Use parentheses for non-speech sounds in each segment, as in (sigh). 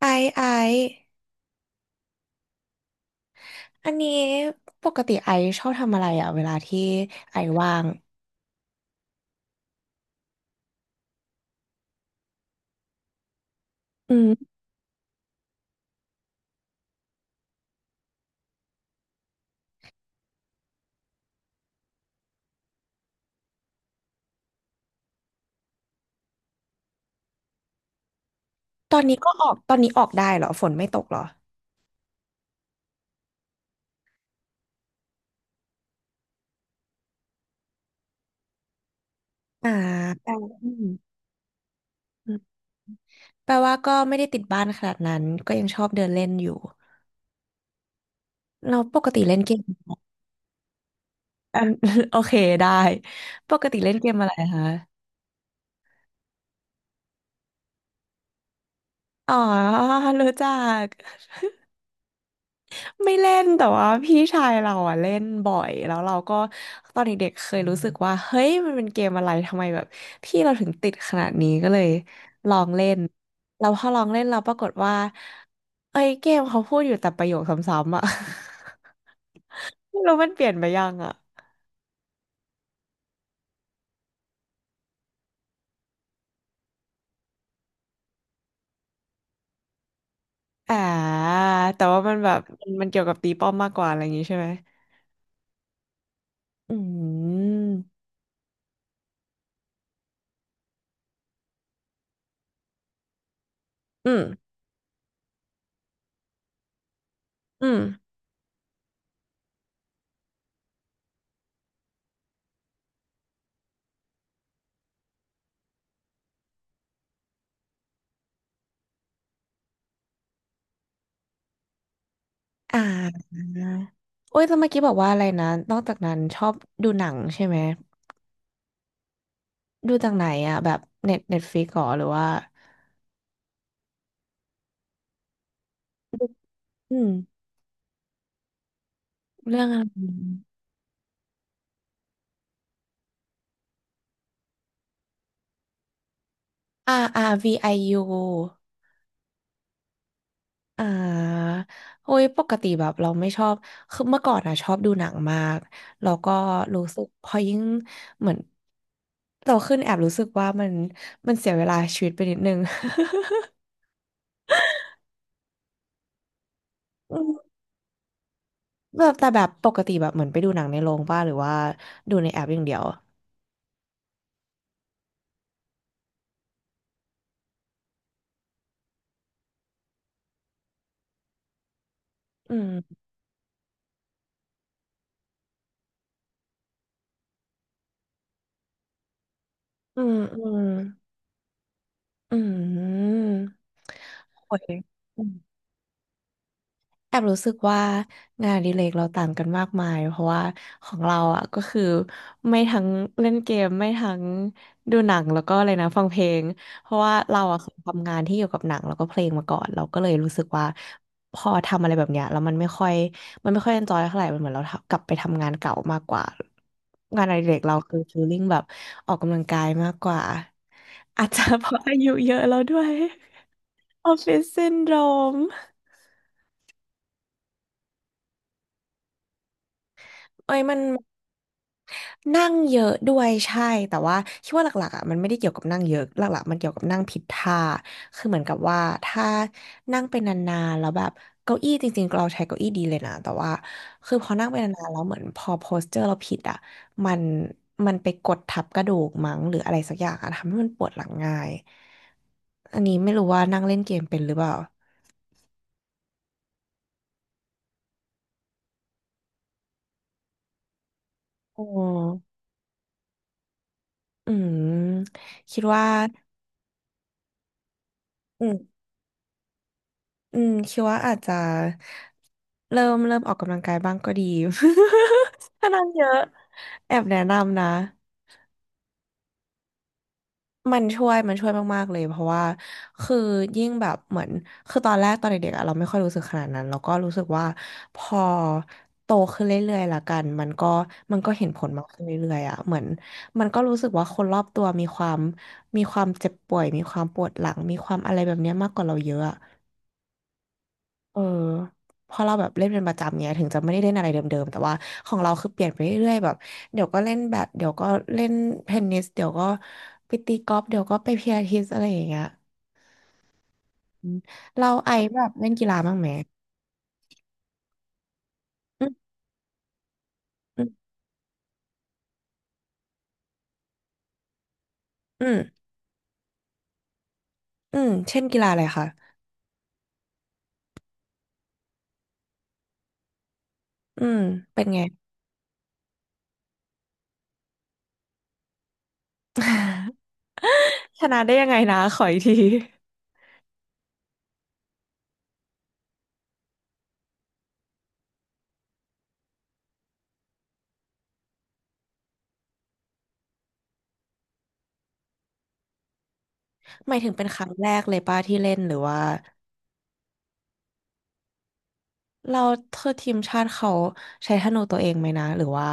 ไอซ์ไอซ์อันนี้ปกติไอซ์ชอบทำอะไรอ่ะเวลาที่ไอซ์ว่างอืมตอนนี้ก็ออกตอนนี้ออกได้เหรอฝนไม่ตกเหรออ่าแปลว่าอืมอืมแปลว่าก็ไม่ได้ติดบ้านขนาดนั้นก็ยังชอบเดินเล่นอยู่ เราปกติเล่นเกมอัน (laughs) โอเคได้ ปกติเล่นเกมอะไรคะ อ๋อรู้จัก ไม่เล่นแต่ว่าพี่ชายเราอะเล่นบ่อยแล้วเราก็ตอนเด็กๆเคยรู้สึกว่าเฮ้ยมันเป็นเกมอะไรทำไมแบบพี่เราถึงติดขนาดนี้ก็เลยลองเล่นเราพอลองเล่นเราปรากฏว่าเอ้ยเกมเขาพูดอยู่แต่ประโยคซ้ำๆอะ (laughs) ไม่รู้มันเปลี่ยนไปยังอะอ่าแต่ว่ามันแบบมันเกี่ยวกับตีป้อมมากกว่าอะไรอย่างงี้ใช่ไหมอืมอืมอืมอ่าโอ้ยแต่เมื่อกี้บอกว่าอะไรนะนอกจากนั้นชอบดูหนังใช่ไหม ดูจากไหนอ่ะแบบเน็ตฟลิกหรอหรือว่าอืมเรื่องอะไร RRVIU อยูอ่าโอ้ยปกติแบบเราไม่ชอบคือเมื่อก่อนอ่ะชอบดูหนังมากแล้วก็รู้สึกพอยิ่งเหมือนโตขึ้นแอบรู้สึกว่ามันมันเสียเวลาชีวิตไปนิดนึง (laughs) อืม (laughs) แบบแต่แบบปกติแบบเหมือนไปดูหนังในโรงป่ะหรือว่าดูในแอปอย่างเดียวอืมอืมอืมอืมโอ้ย แอบรู้สึกว่างานอดิเรกเราต่างกันมากมายเพราะว่าของเราอ่ะก็คือไม่ทั้งเล่นเกมไม่ทั้งดูหนังแล้วก็อะไรนะฟังเพลงเพราะว่าเราอ่ะเคยทำงานที่เกี่ยวกับหนังแล้วก็เพลงมาก่อนเราก็เลยรู้สึกว่าพอทำอะไรแบบเนี้ยแล้วมันไม่ค่อยเอนจอยเท่าไหร่มันเหมือนเรากลับไปทำงานเก่ามากกว่างานอดิเรกเราคือฟีลลิ่งแบบออกกำลังกายมากกว่าอาจจะเพราะอายุเยอะแล้วด้วย (laughs) ออฟฟิศซินโดรมเอ้ยมัน นั่งเยอะด้วยใช่แต่ว่าคิดว่าหลักๆอ่ะมันไม่ได้เกี่ยวกับนั่งเยอะหลักๆมันเกี่ยวกับนั่งผิดท่าคือเหมือนกับว่าถ้านั่งไปนานๆแล้วแบบเก้าอี้จริงๆเราใช้เก้าอี้ดีเลยนะแต่ว่าคือพอนั่งไปนานๆแล้วเหมือนพอโพสเจอร์เราผิดอ่ะมันมันไปกดทับกระดูกมั้งหรืออะไรสักอย่างอ่ะทำให้มันปวดหลังง่ายอันนี้ไม่รู้ว่านั่งเล่นเกมเป็นหรือเปล่าอ๋ออืมคิดว่าอืม อืมคิดว่าอาจจะเริ่มออกกำลังกายบ้างก็ดี (laughs) ถ้านั่งเยอะแอบแนะนำนะมันช่วยมากๆเลยเพราะว่าคือยิ่งแบบเหมือนคือตอนแรกตอนเด็กๆอะเราไม่ค่อยรู้สึกขนาดนั้นแล้วก็รู้สึกว่าพอโตขึ้นเรื่อยๆละกันมันก็เห็นผลมากขึ้นเรื่อยๆอะเหมือนมันก็รู้สึกว่าคนรอบตัวมีความมีความเจ็บป่วยมีความปวดหลังมีความอะไรแบบเนี้ยมากกว่าเราเยอะอะ เออพอเราแบบเล่นเป็นประจำเนี้ยถึงจะไม่ได้เล่นอะไรเดิมๆแต่ว่าของเราคือเปลี่ยนไปเรื่อยๆแบบเดี๋ยวก็เล่นแบดเดี๋ยวก็เล่นเทนนิสเดี๋ยวก็ไปตีกอล์ฟเดี๋ยวก็ไปพิลาทิสอะไรอย่างเงี้ยอืมเราไอแบบเล่นกีฬาบ้างไหมอืมอืมอืมอืมเช่นกีฬาอะไรคะอืมเป็นไงชนะได้ยังไงนะขออีกทีหมายถึงเป็นครั้งแรกเลยป้าที่เล่นหรือว่าเราเธอทีมชาติเขาใช้ธนูตัวเองไหมนะหรือว่า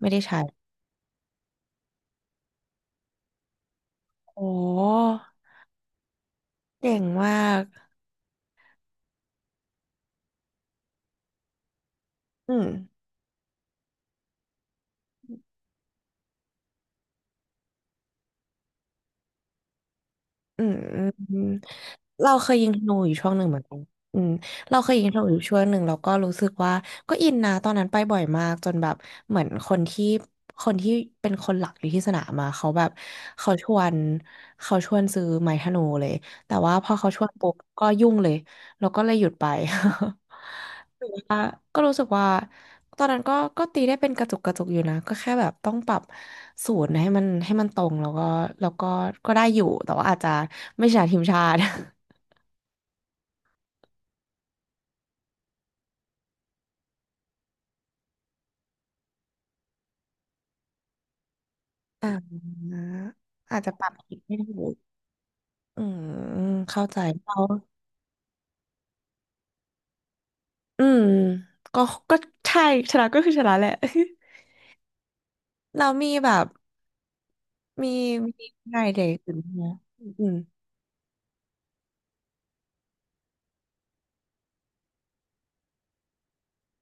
ไม่ได้ใช้โอ้เก่งมาก อืมอืมอืมอืมเราเคยยิงธนูอยู่ช่วงหนึ่งเหมือนกันอืมเราเคยยิงธนูอยู่ช่วงหนึ่งแล้วก็รู้สึกว่าก็อินนะตอนนั้นไปบ่อยมากจนแบบเหมือนคนที่เป็นคนหลักอยู่ที่สนามมาเขาแบบเขาชวนเขาชวนซื้อไม้ธนูเลยแต่ว่าพอเขาชวนปุ๊บก็ยุ่งเลยแล้วก็เลยหยุดไป (laughs) แล้วก็รู้สึกว่าตอนนั้นก็ตีได้เป็นกระจุกกระจุกอยู่นะก็แค่แบบต้องปรับศูนย์ให้มันตรงแล้วก็ก็ได้อยู่แต่ว่าอาจจะไม่ใช่ทีมชาติ (laughs) อ่าอาจจะปรับผิดไม่ถูกอืมเข้าใจเราอืมก็ก็ใช่ชนะก็คือชนะแหละ (laughs) เรามีแบบมีมีไงเด็กอื่นไหมอืม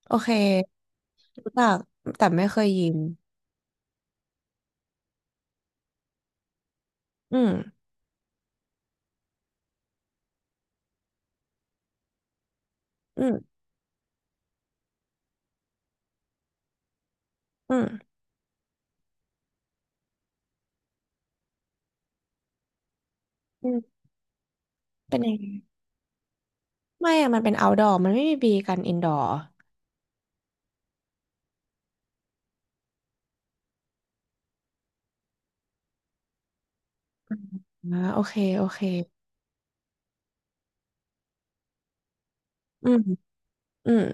โอเครู้จักแต่ไม่เคยยิงอืมอืมอืมอืมเป็นยังไง ไม่อะมันเป็น outdoor มันไม่มีบีกัน indoor อ่าโอเคโอเคอืมอืม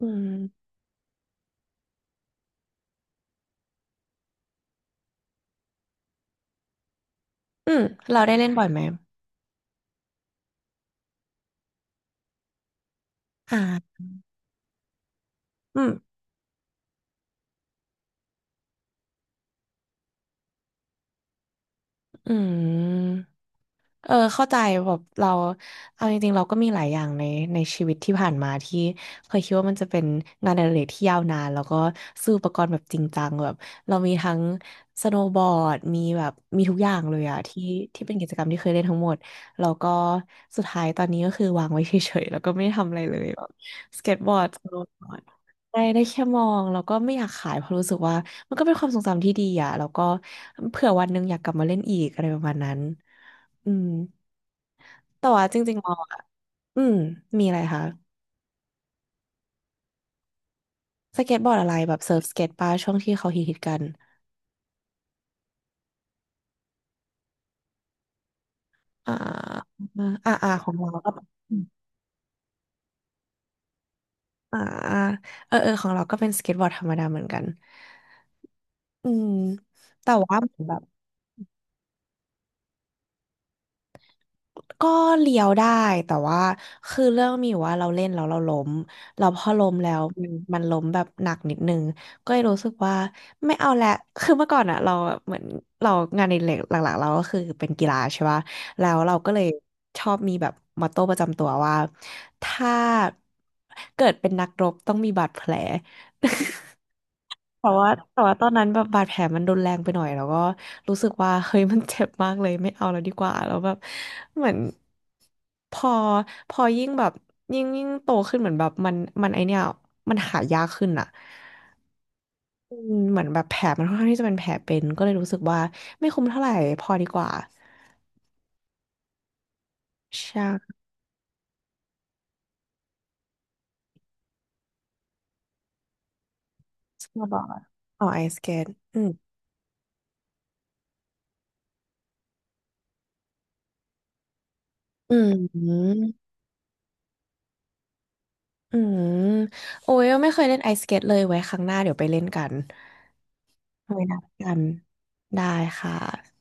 อืมอืมเราได้เล่นบ่อยไหมอ่าอืมอืม เออเข้าใจแบบเราเอาจริงๆเราก็มีหลายอย่างในในชีวิตที่ผ่านมาที่เคยคิดว่ามันจะเป็นงานอดิเรกที่ยาวนานแล้วก็ซื้ออุปกรณ์แบบจริงจังแบบเรามีทั้งสโนว์บอร์ดมีแบบมีทุกอย่างเลยอะที่ที่เป็นกิจกรรมที่เคยเล่นทั้งหมดแล้วก็สุดท้ายตอนนี้ก็คือวางไว้เฉยๆแล้วก็ไม่ได้ทำอะไรเลยแบบสเก็ตบอร์ดสโนว์บอร์ดได้แค่มองแล้วก็ไม่อยากขายเพราะรู้สึกว่ามันก็เป็นความทรงจำที่ดีอะแล้วก็เผื่อวันหนึงอยากกลับมาเล่นอีกอะไรประมาณนั้น อืมแต่ว่าจริงๆมองอ่ะอืมมีอะไรคะสเก็ตบอร์ดอะไรแบบเซิร์ฟสเก็ตป้าช่วงที่เขาฮิตกันอ่าอ่อ่าของเราก็อ่าอ่าเออเออของเราก็เป็นสเก็ตบอร์ดธรรมดาเหมือนกันอืมแต่ว่าเหมือนแบบ ก็เลี้ยวได้แต่ว่าคือเรื่องมีอยู่ว่าเราเล่นแล้วเราล้มเราพอล้มแล้วมันล้มแบบหนักนิดนึงก็เลยรู้สึกว่าไม่เอาละคือเมื่อก่อนอะเราแบบเหมือนเรางานในเหล็กหลักๆเราก็คือเป็นกีฬาใช่ปะแล้วเราก็เลยชอบมีแบบมอตโต้ประจำตัวว่าถ้าเกิดเป็นนักรบต้องมีบาดแผล แต่ว่าตอนนั้นแบบบาดแผลมันรุนแรงไปหน่อยแล้วก็รู้สึกว่าเฮ้ยมันเจ็บมากเลยไม่เอาแล้วดีกว่าแล้วแบบเหมือนพอพอยิ่งแบบยิ่งโตขึ้นเหมือนแบบมันมันไอเนี้ยมันหายากขึ้นอะอืมเหมือนแบบแผลมันค่อนข้างที่จะเป็นแผลเป็นก็เลยรู้สึกว่าไม่คุ้มเท่าไหร่พอดีกว่าใช่สโนว์บอร์ดอ๋อไอสเกตอืมอืมอืมโอ้ยไม่เคยเล่นไอสเกตเลยไว้ครั้งหน้าเดี๋ยวไปเล่นกัน เคยนัดกันได้ค่ะ